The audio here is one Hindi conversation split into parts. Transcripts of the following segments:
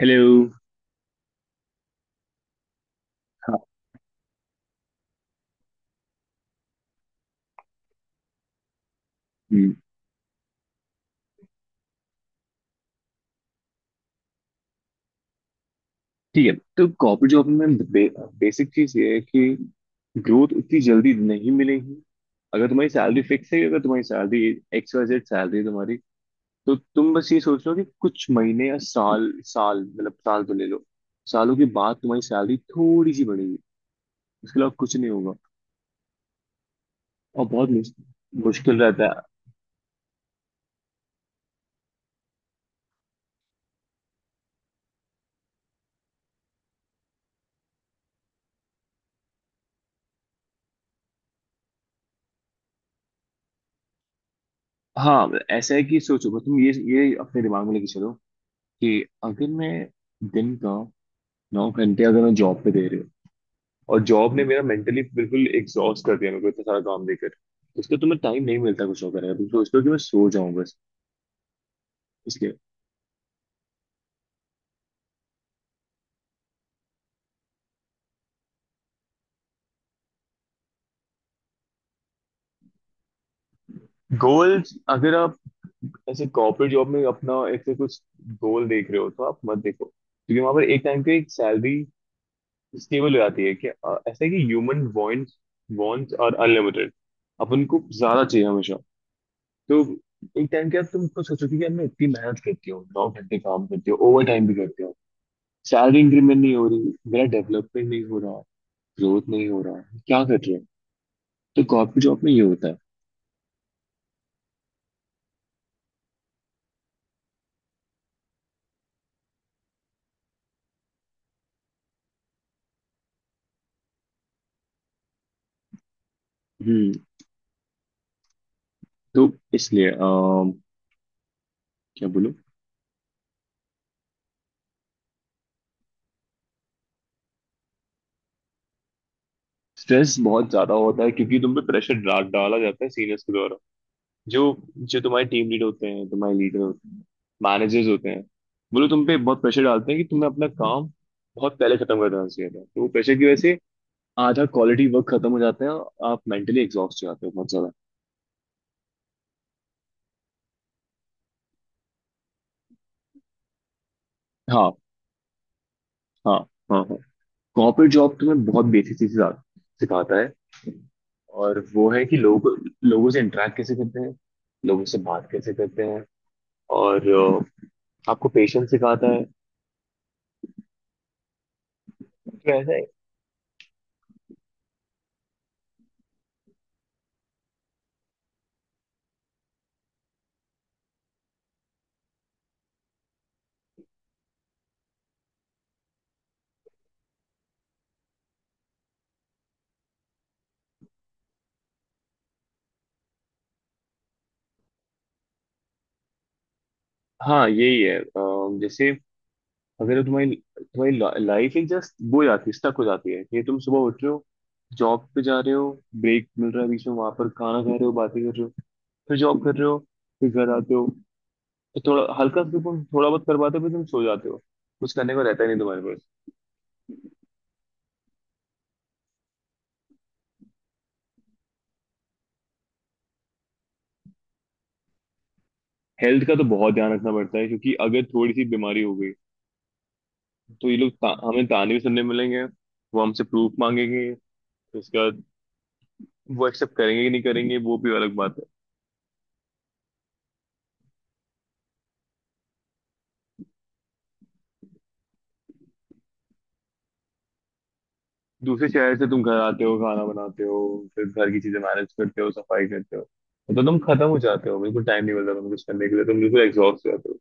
हेलो। हाँ। हम्म, ठीक है। तो कॉर्पोरेट जॉब में बेसिक चीज ये है कि ग्रोथ उतनी जल्दी नहीं मिलेगी। अगर तुम्हारी सैलरी फिक्स है, अगर तुम्हारी salary X Y Z salary है तुम्हारी, तो तुम बस ये सोच लो कि कुछ महीने या साल साल मतलब साल तो ले लो। सालों के बाद तुम्हारी सैलरी थोड़ी सी बढ़ेगी। उसके अलावा कुछ नहीं होगा। और बहुत मुश्किल रहता है। हाँ, ऐसा है कि सोचो बस तुम ये अपने दिमाग में लेके चलो कि अगर मैं दिन का 9 घंटे अगर मैं जॉब पे दे रही हूँ, और जॉब ने मेरा मेंटली बिल्कुल एग्जॉस्ट कर दिया मेरे को इतना सारा काम देकर। इसलिए तो मैं टाइम नहीं मिलता कुछ और करने का, तुम सोचते हो कि मैं सो जाऊं बस। इसलिए गोल्स अगर आप ऐसे कॉर्पोरेट जॉब में अपना ऐसे कुछ गोल देख रहे हो, तो आप मत देखो क्योंकि वहां पर एक टाइम पे एक सैलरी स्टेबल हो जाती है। कि ऐसा है कि human wants wants are unlimited. अपन को ज्यादा चाहिए हमेशा। तो एक टाइम के आप तुम खुद सोचो कि यार मैं इतनी मेहनत करती हूँ, 9 घंटे काम करती हूँ, ओवर टाइम भी करती हूँ। सैलरी इंक्रीमेंट नहीं हो रही, मेरा डेवलपमेंट नहीं हो रहा, ग्रोथ नहीं हो रहा, क्या कर रहे हो। तो कॉर्पोरेट जॉब में ये होता है। हम्म। तो इसलिए क्या बोलूं। स्ट्रेस बहुत ज्यादा होता है क्योंकि तुम पे प्रेशर डाला जाता है सीनियर्स के द्वारा। जो जो तुम्हारे टीम लीड होते हैं, तुम्हारे लीडर होते हैं, मैनेजर्स होते हैं। वो लोग तुम पे बहुत प्रेशर डालते हैं कि तुम्हें अपना काम बहुत पहले खत्म कर देना चाहिए था। तो वो प्रेशर की वजह से आधा क्वालिटी वर्क खत्म हो जाता है, और आप मेंटली एग्जॉस्ट हो जाते हो बहुत ज्यादा। हाँ, हाँ, हाँ, हाँ। कॉर्पोरेट जॉब तुम्हें बहुत बेसिक चीजें सिखाता है, और वो है कि लोगों से इंटरेक्ट कैसे करते हैं, लोगों से बात कैसे करते हैं। और आपको पेशेंस सिखाता है। तो ऐसा है। हाँ, यही है। जैसे अगर तुम्हारी तुम्हारी लाइफ ही जस्ट वो हो जाती है, स्टक हो जाती है, ये तुम सुबह उठ रहे हो, जॉब पे जा रहे हो, ब्रेक मिल रहा है बीच में, वहां पर खाना खा रहे हो, बातें कर रहे हो, फिर जॉब कर रहे हो, फिर घर आते हो। तो थोड़ा हल्का सा तुम थोड़ा बहुत कर पाते हो, फिर तुम सो जाते हो। कुछ करने को रहता ही नहीं तुम्हारे पास। हेल्थ का तो बहुत ध्यान रखना पड़ता है, क्योंकि अगर थोड़ी सी बीमारी हो गई तो ये लोग हमें ताने भी सुनने मिलेंगे, वो हमसे प्रूफ मांगेंगे। तो उसके बाद वो एक्सेप्ट करेंगे कि नहीं करेंगे वो भी अलग बात है। दूसरे शहर से तुम घर आते हो, खाना बनाते हो, फिर घर की चीजें मैनेज करते हो, सफाई करते हो। मतलब तुम खत्म हो जाते हो बिल्कुल, टाइम नहीं मिलता तुम कुछ करने के लिए, तुम बिल्कुल एग्जॉस्ट हो जाते हो।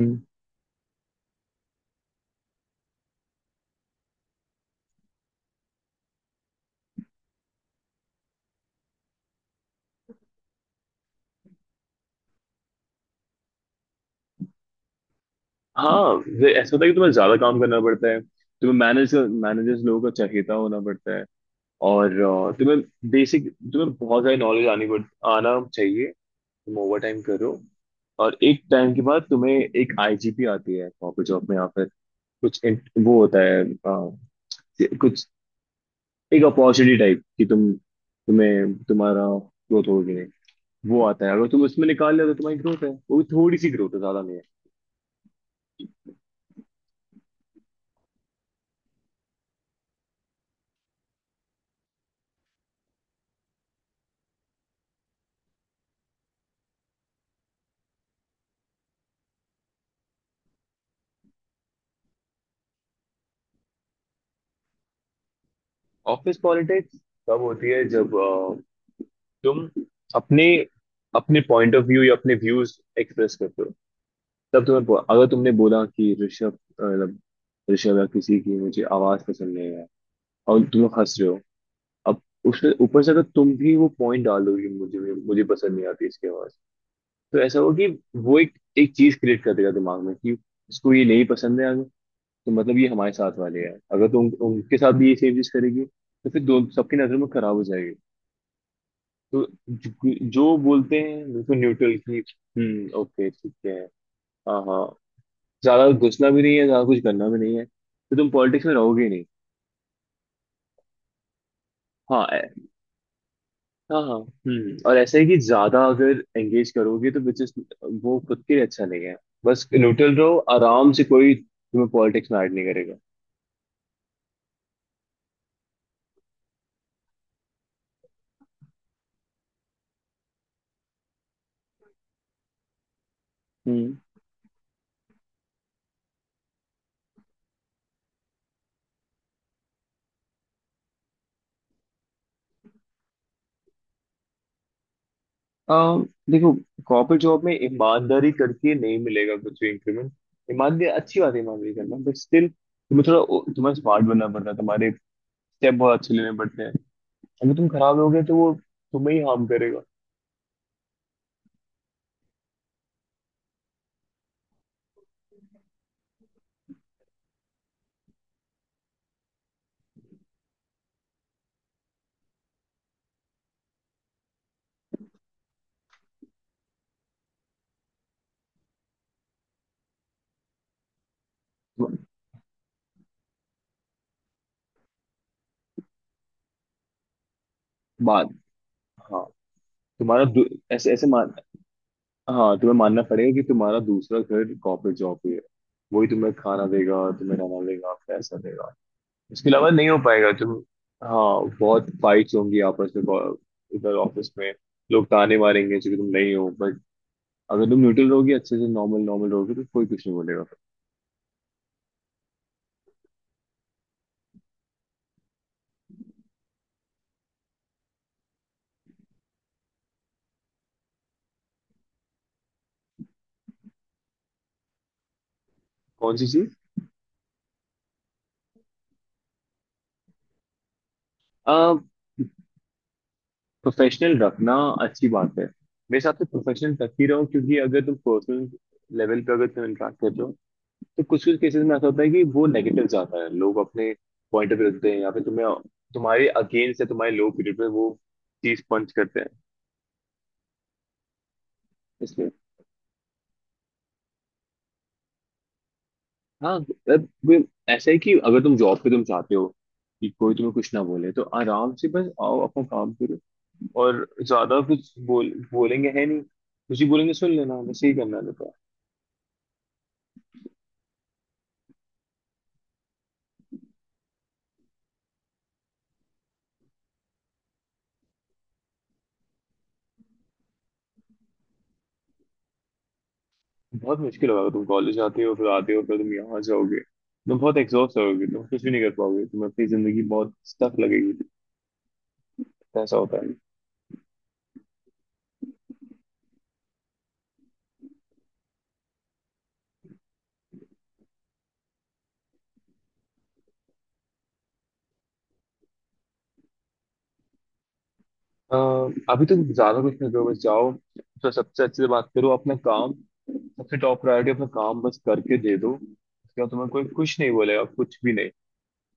हम्म। हाँ। ऐसा होता है कि तुम्हें ज्यादा काम करना पड़ता है। तुम्हें मैनेजर्स लोगों का चहेता होना पड़ता है। और तुम्हें बेसिक तुम्हें बहुत सारी नॉलेज आनी पड़ आना चाहिए। तुम ओवर टाइम करो, और एक टाइम के बाद तुम्हें एक आईजीपी आती है कॉर्पोरेट जॉब में, या फिर कुछ वो होता है, कुछ एक अपॉर्चुनिटी टाइप कि तुम्हें तुम्हारा ग्रोथ होगी नहीं। वो आता है, अगर तुम उसमें निकाल लिया तो तुम्हारी ग्रोथ है, वो भी थोड़ी सी ग्रोथ है, ज्यादा नहीं है। ऑफिस पॉलिटिक्स तब होती है जब तुम अपने अपने पॉइंट ऑफ व्यू या अपने व्यूज एक्सप्रेस करते हो। तब तुम्हें अगर तुमने बोला कि ऋषभ मतलब ऋषभ या किसी की मुझे आवाज पसंद नहीं है, और तुम लोग हंस रहे हो। अब उसमें ऊपर से अगर तुम भी वो पॉइंट डालोगे, मुझे पसंद नहीं आती इसकी आवाज, तो ऐसा होगा कि वो एक एक चीज क्रिएट कर देगा दिमाग में कि इसको ये नहीं पसंद है। अगर तो मतलब ये हमारे साथ वाले है, अगर तुम उनके साथ भी ये सेम चीज करेगी तो फिर दो सबकी नजर में खराब हो जाएगी। तो जो जो बोलते हैं बिल्कुल न्यूट्रल की, हम्म, ओके, ठीक है। हाँ, हाँ। ज्यादा घुसना भी नहीं है, ज्यादा कुछ करना भी नहीं है, तो तुम पॉलिटिक्स में रहोगे ही नहीं। हाँ। हाँ, हाँ, हम्म। और ऐसा है कि ज्यादा अगर एंगेज करोगे तो which is वो खुद के लिए अच्छा नहीं है। बस न्यूट्रल रहो, आराम से, कोई तुम्हें पॉलिटिक्स में ऐड नहीं करेगा। हम्म। अम, देखो, कॉर्पोरेट जॉब में ईमानदारी करके नहीं मिलेगा कुछ भी इंक्रीमेंट। ईमानदारी अच्छी बात है, ईमानदारी करना, बट स्टिल तुम्हें थोड़ा, तुम्हें स्मार्ट बनना पड़ता है। तुम्हारे स्टेप बहुत अच्छे लेने पड़ते हैं। अगर तुम खराब होगे तो वो तुम्हें ही हार्म करेगा। बात। हाँ। तुम्हारा दू- ऐसे ऐसे मान। हाँ, तुम्हें मानना पड़ेगा कि तुम्हारा दूसरा घर कॉर्पोरेट जॉब पे है। वही तुम्हें खाना देगा, तुम्हें रहना देगा, पैसा देगा। इसके अलावा नहीं हो पाएगा तुम। हाँ, बहुत फाइट्स होंगी आपस में, इधर ऑफिस में लोग ताने मारेंगे क्योंकि तुम नहीं हो, बट अगर तुम न्यूट्रल रहोगी, अच्छे से नॉर्मल नॉर्मल रहोगी, तो कोई कुछ नहीं बोलेगा। कौन सी चीज? प्रोफेशनल रखना अच्छी बात है, मेरे हिसाब से प्रोफेशनल रख ही रहो। क्योंकि अगर तुम पर्सनल लेवल पे अगर तुम इंटरेक्ट कर रहे हो, तो कुछ कुछ केसेस में ऐसा होता है कि वो नेगेटिव जाता है, लोग अपने पॉइंट ऑफ व्यू रखते हैं, या फिर तुम्हें तुम्हारे अगेंस्ट या तुम्हारे लो पीरियड में वो चीज पंच करते हैं। इसलिए। हाँ, मतलब वो ऐसा है कि अगर तुम जॉब पे तुम चाहते हो कि कोई तुम्हें कुछ ना बोले, तो आराम से बस आओ, अपना काम करो। और ज्यादा कुछ बोलेंगे है नहीं, कुछ ही बोलेंगे, सुन लेना, बस यही करना रहता है। बहुत मुश्किल होगा। तुम कॉलेज आते हो फिर तुम यहाँ जाओगे, तुम बहुत एग्जॉस्ट होगे, तुम कुछ भी नहीं कर पाओगे, तुम्हें अपनी जिंदगी बहुत स्टफ लगेगी। ऐसा होता है। अ, अभी तो ज्यादा कुछ नहीं करो, बस जाओ। तो सबसे अच्छे से बात करो, अपना काम, सबसे टॉप प्रायोरिटी अपना काम बस करके दे दो, उसके बाद तुम्हें कोई कुछ नहीं बोलेगा, कुछ भी नहीं,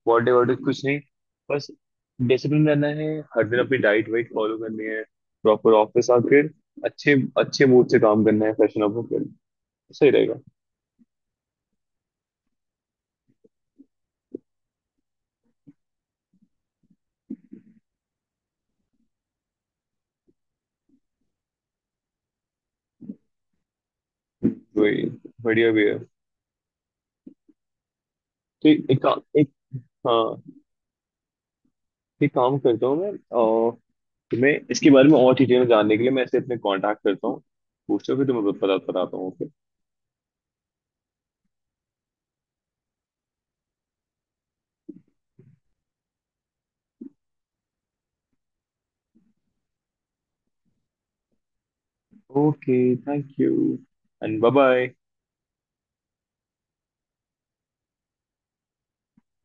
बर्थडे वर्डे कुछ नहीं। बस डिसिप्लिन रहना है। हर दिन अपनी डाइट वाइट फॉलो करनी है, प्रॉपर ऑफिस आकर अच्छे अच्छे मूड से काम करना है, फैशन अप होकर। सही रहेगा। वही बढ़िया भी है। तो एक एक, काम- एक। हाँ, एक काम करता हूँ मैं। तुम्हें इसके बारे में और डिटेल जानने के लिए मैं इसे अपने कांटेक्ट करता हूँ, पूछता हूँ, फिर तुम्हें बताता हूँ। Okay. Okay. Thank you and bye bye.